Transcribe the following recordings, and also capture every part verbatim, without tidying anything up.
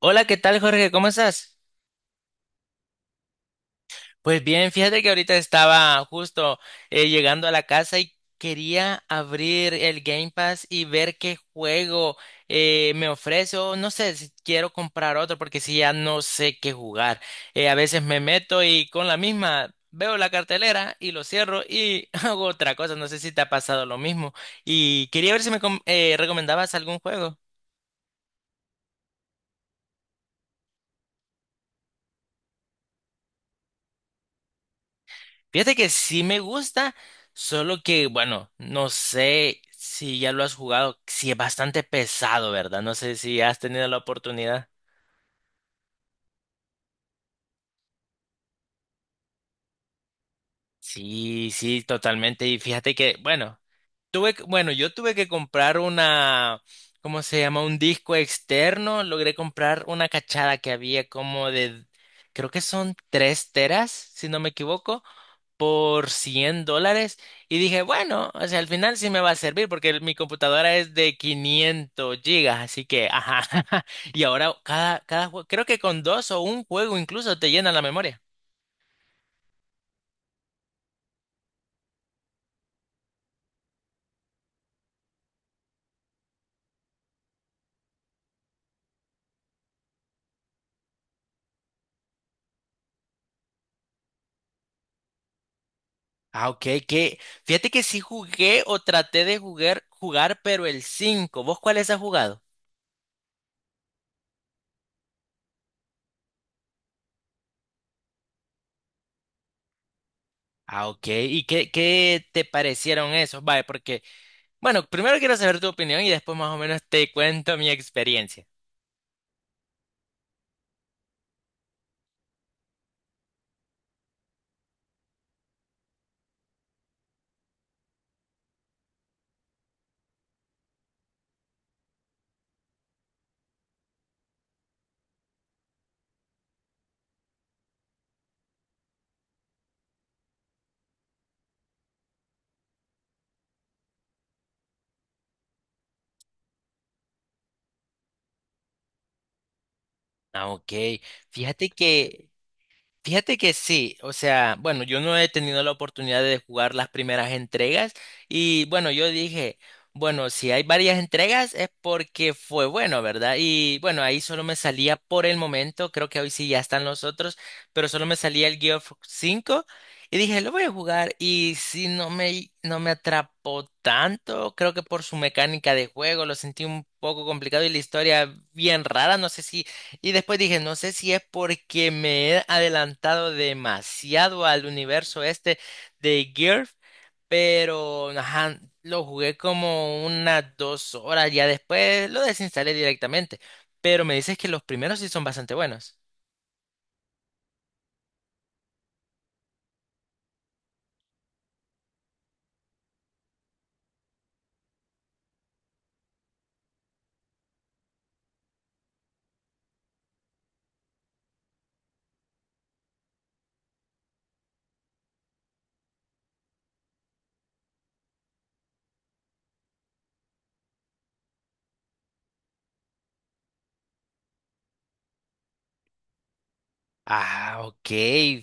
Hola, ¿qué tal, Jorge? ¿Cómo estás? Pues bien, fíjate que ahorita estaba justo eh, llegando a la casa y quería abrir el Game Pass y ver qué juego eh, me ofrece. O no sé si quiero comprar otro porque si ya no sé qué jugar. Eh, a veces me meto y con la misma veo la cartelera y lo cierro y hago otra cosa. No sé si te ha pasado lo mismo. Y quería ver si me com- eh, recomendabas algún juego. Fíjate que sí me gusta, solo que, bueno, no sé si ya lo has jugado, si es bastante pesado, ¿verdad? No sé si has tenido la oportunidad. Sí, sí, totalmente. Y fíjate que, bueno, tuve, que- bueno, yo tuve que comprar una, ¿cómo se llama? Un disco externo. Logré comprar una cachada que había como de, creo que son tres teras, si no me equivoco, por cien dólares. Y dije, bueno, o sea, al final sí me va a servir porque el- mi computadora es de quinientos gigas, así que, ajá, y ahora cada, cada juego, creo que con dos o un juego incluso te llenan la memoria. Ah, ok, que fíjate que sí jugué o traté de jugar, jugar, pero el cinco. ¿Vos cuáles has jugado? Ah, ok, ¿y qué, qué te parecieron esos? Vale, porque, bueno, primero quiero saber tu opinión y después más o menos te cuento mi experiencia. Ah, ok, fíjate que Fíjate que sí, o sea, bueno, yo no he tenido la oportunidad de jugar las primeras entregas. Y bueno, yo dije, bueno, si hay varias entregas es porque fue bueno, ¿verdad? Y bueno, ahí solo me salía por el momento, creo que hoy sí ya están los otros, pero solo me salía el Geoff cinco. Y dije, lo voy a jugar y si no me, no me atrapó tanto, creo que por su mecánica de juego lo sentí un poco complicado y la historia bien rara. No sé si Y después dije, no sé si es porque me he adelantado demasiado al universo este de GIRF, pero ajá, lo jugué como unas dos horas, ya después lo desinstalé directamente. Pero me dices que los primeros sí son bastante buenos. Ah, ok.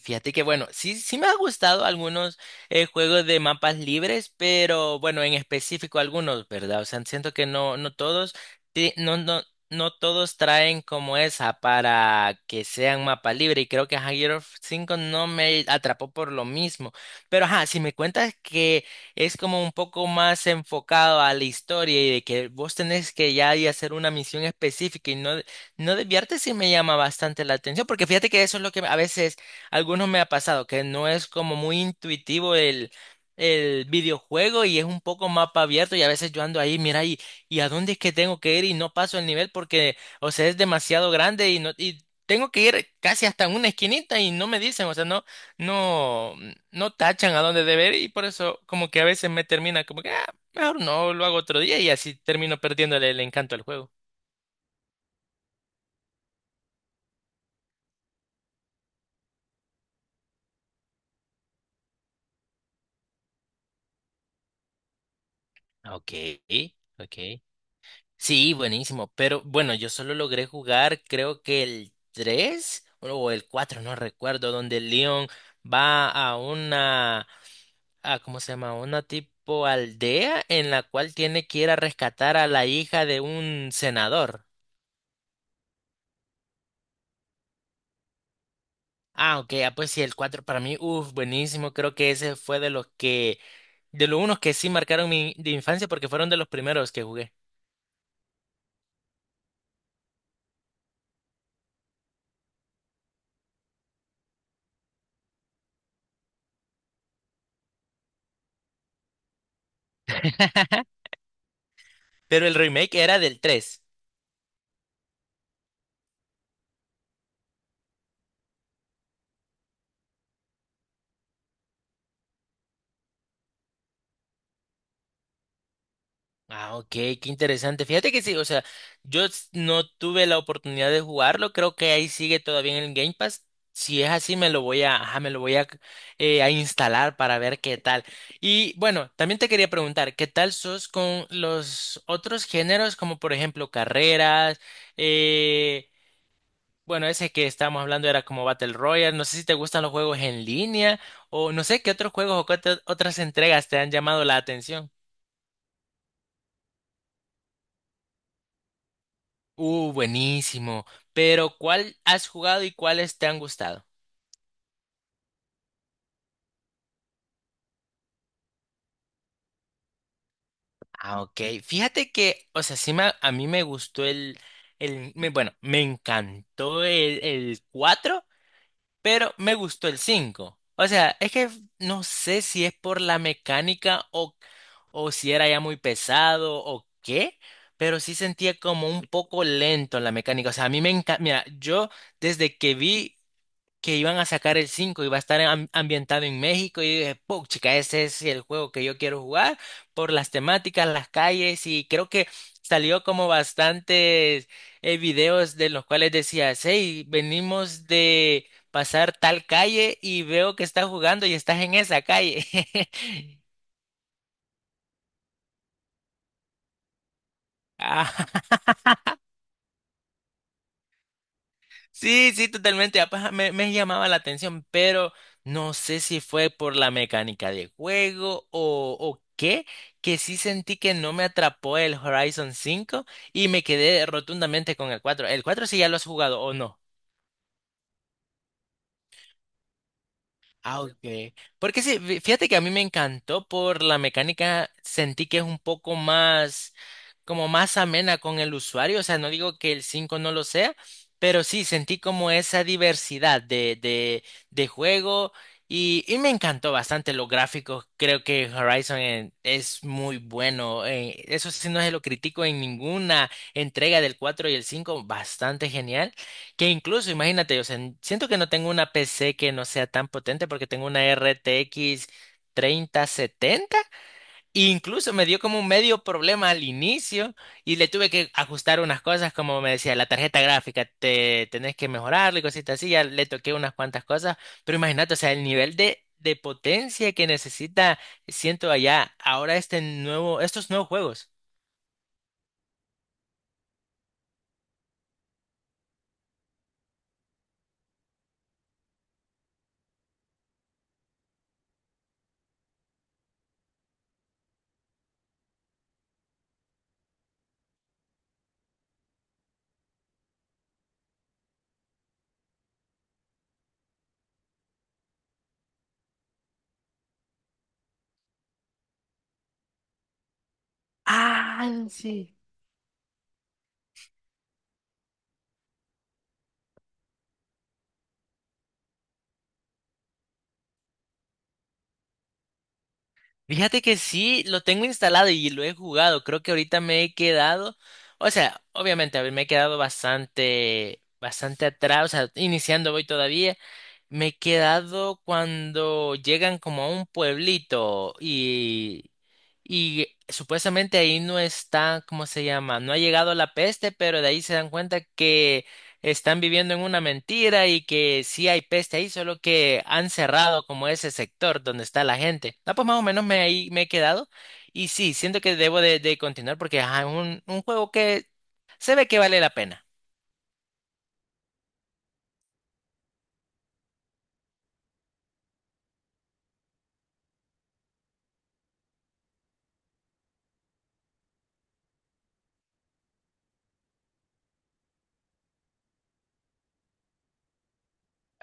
Fíjate que bueno, sí, sí me ha gustado algunos eh, juegos de mapas libres, pero bueno, en específico algunos, ¿verdad? O sea, siento que no, no todos, ti- no, no, no todos traen como esa para que sean mapa libre. Y creo que ajá, Gears of no me atrapó por lo mismo. Pero ajá, si me cuentas que es como un poco más enfocado a la historia y de que vos tenés que ya y hacer una misión específica y no no desviarte, sí me llama bastante la atención, porque fíjate que eso es lo que a veces algunos me ha pasado, que no es como muy intuitivo el, el videojuego y es un poco mapa abierto, y a veces yo ando ahí, mira, y, y a dónde es que tengo que ir y no paso el nivel porque, o sea, es demasiado grande y no, y tengo que ir casi hasta una esquinita y no me dicen, o sea, no, no, no tachan a dónde deber, y por eso como que a veces me termina como que, ah, mejor no, lo hago otro día y así termino perdiéndole el encanto al juego. Ok, ok. Sí, buenísimo, pero bueno, yo solo logré jugar creo que el tres o el cuatro, no recuerdo, donde Leon va a una, a, ¿cómo se llama? Una tipo aldea en la cual tiene que ir a rescatar a la hija de un senador. Ah, ok, ah, pues sí, el cuatro para mí, uff, buenísimo, creo que ese fue de los que, de los unos que sí marcaron mi de infancia porque fueron de los primeros que jugué. Pero el remake era del tres. Ah, ok, qué interesante. Fíjate que sí, o sea, yo s- no tuve la oportunidad de jugarlo, creo que ahí sigue todavía en el Game Pass. Si es así, me lo voy a, ajá, me lo voy a, eh, a instalar para ver qué tal. Y bueno, también te quería preguntar, ¿qué tal sos con los otros géneros, como por ejemplo carreras? Eh, bueno, ese que estábamos hablando era como Battle Royale. No sé si te gustan los juegos en línea o no sé qué otros juegos o qué otra- otras entregas te han llamado la atención. Uh, buenísimo. Pero ¿cuál has jugado y cuáles te han gustado? Ah, ok. Fíjate que, o sea, sí me- a mí me gustó el, el, me- bueno, me encantó el, el cuatro, pero me gustó el cinco. O sea, es que no sé si es por la mecánica o, o si era ya muy pesado o qué, pero sí sentía como un poco lento la mecánica. O sea, a mí me encanta, mira, yo desde que vi que iban a sacar el cinco y va a estar am- ambientado en México. Y dije, "Puch, ese es el juego que yo quiero jugar por las temáticas, las calles, y creo que salió como bastantes eh, videos de los cuales decías, hey, venimos de pasar tal calle y veo que estás jugando y estás en esa calle". Ah, sí, sí, totalmente. apa- Me, me llamaba la atención, pero no sé si fue por la mecánica de juego o, o qué, que sí sentí que no me atrapó el Horizon cinco, y me quedé rotundamente con el cuatro. ¿El cuatro sí ya lo has jugado o no? Ah, ok. Porque sí, fí- fíjate que a mí me encantó por la mecánica, sentí que es un poco más, como más amena con el usuario. O sea, no digo que el cinco no lo sea, pero sí sentí como esa diversidad de, de, de juego. Y, y me encantó bastante los gráficos, creo que Horizon en- es muy bueno, eh, eso sí no se lo critico en ninguna entrega, del cuatro y el cinco, bastante genial. Que incluso, imagínate, o sea, n- siento que no tengo una P C que no sea tan potente porque tengo una R T X treinta setenta, e incluso me dio como un medio problema al inicio y le tuve que ajustar unas cosas, como me decía la tarjeta gráfica, te tenés que mejorarla y cositas así, ya le toqué unas cuantas cosas, pero imagínate, o sea, el nivel de, de potencia que necesita, siento allá ahora este nuevo, estos nuevos juegos. Ah, sí. Fíjate que sí, lo tengo instalado y lo he jugado. Creo que ahorita me he quedado, o sea, obviamente a ver, me he quedado bastante, bastante atrás, o sea, iniciando voy todavía. Me he quedado cuando llegan como a un pueblito y, y supuestamente ahí no está, ¿cómo se llama? No ha llegado la peste, pero de ahí se dan cuenta que están viviendo en una mentira y que sí hay peste ahí, solo que han cerrado como ese sector donde está la gente. No, pues más o menos me, ahí me he quedado y sí, siento que debo de, de continuar, porque ajá, es un, un juego que se ve que vale la pena.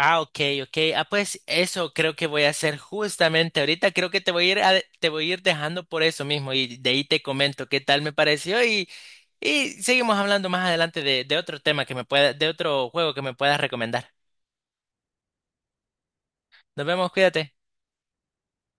Ah, ok, ok. Ah, pues eso creo que voy a hacer justamente ahorita. Creo que te voy a ir, a- te voy a ir dejando por eso mismo, y de ahí te comento qué tal me pareció, y, y seguimos hablando más adelante de, de otro tema que me pueda, de otro juego que me puedas recomendar. Nos vemos, cuídate.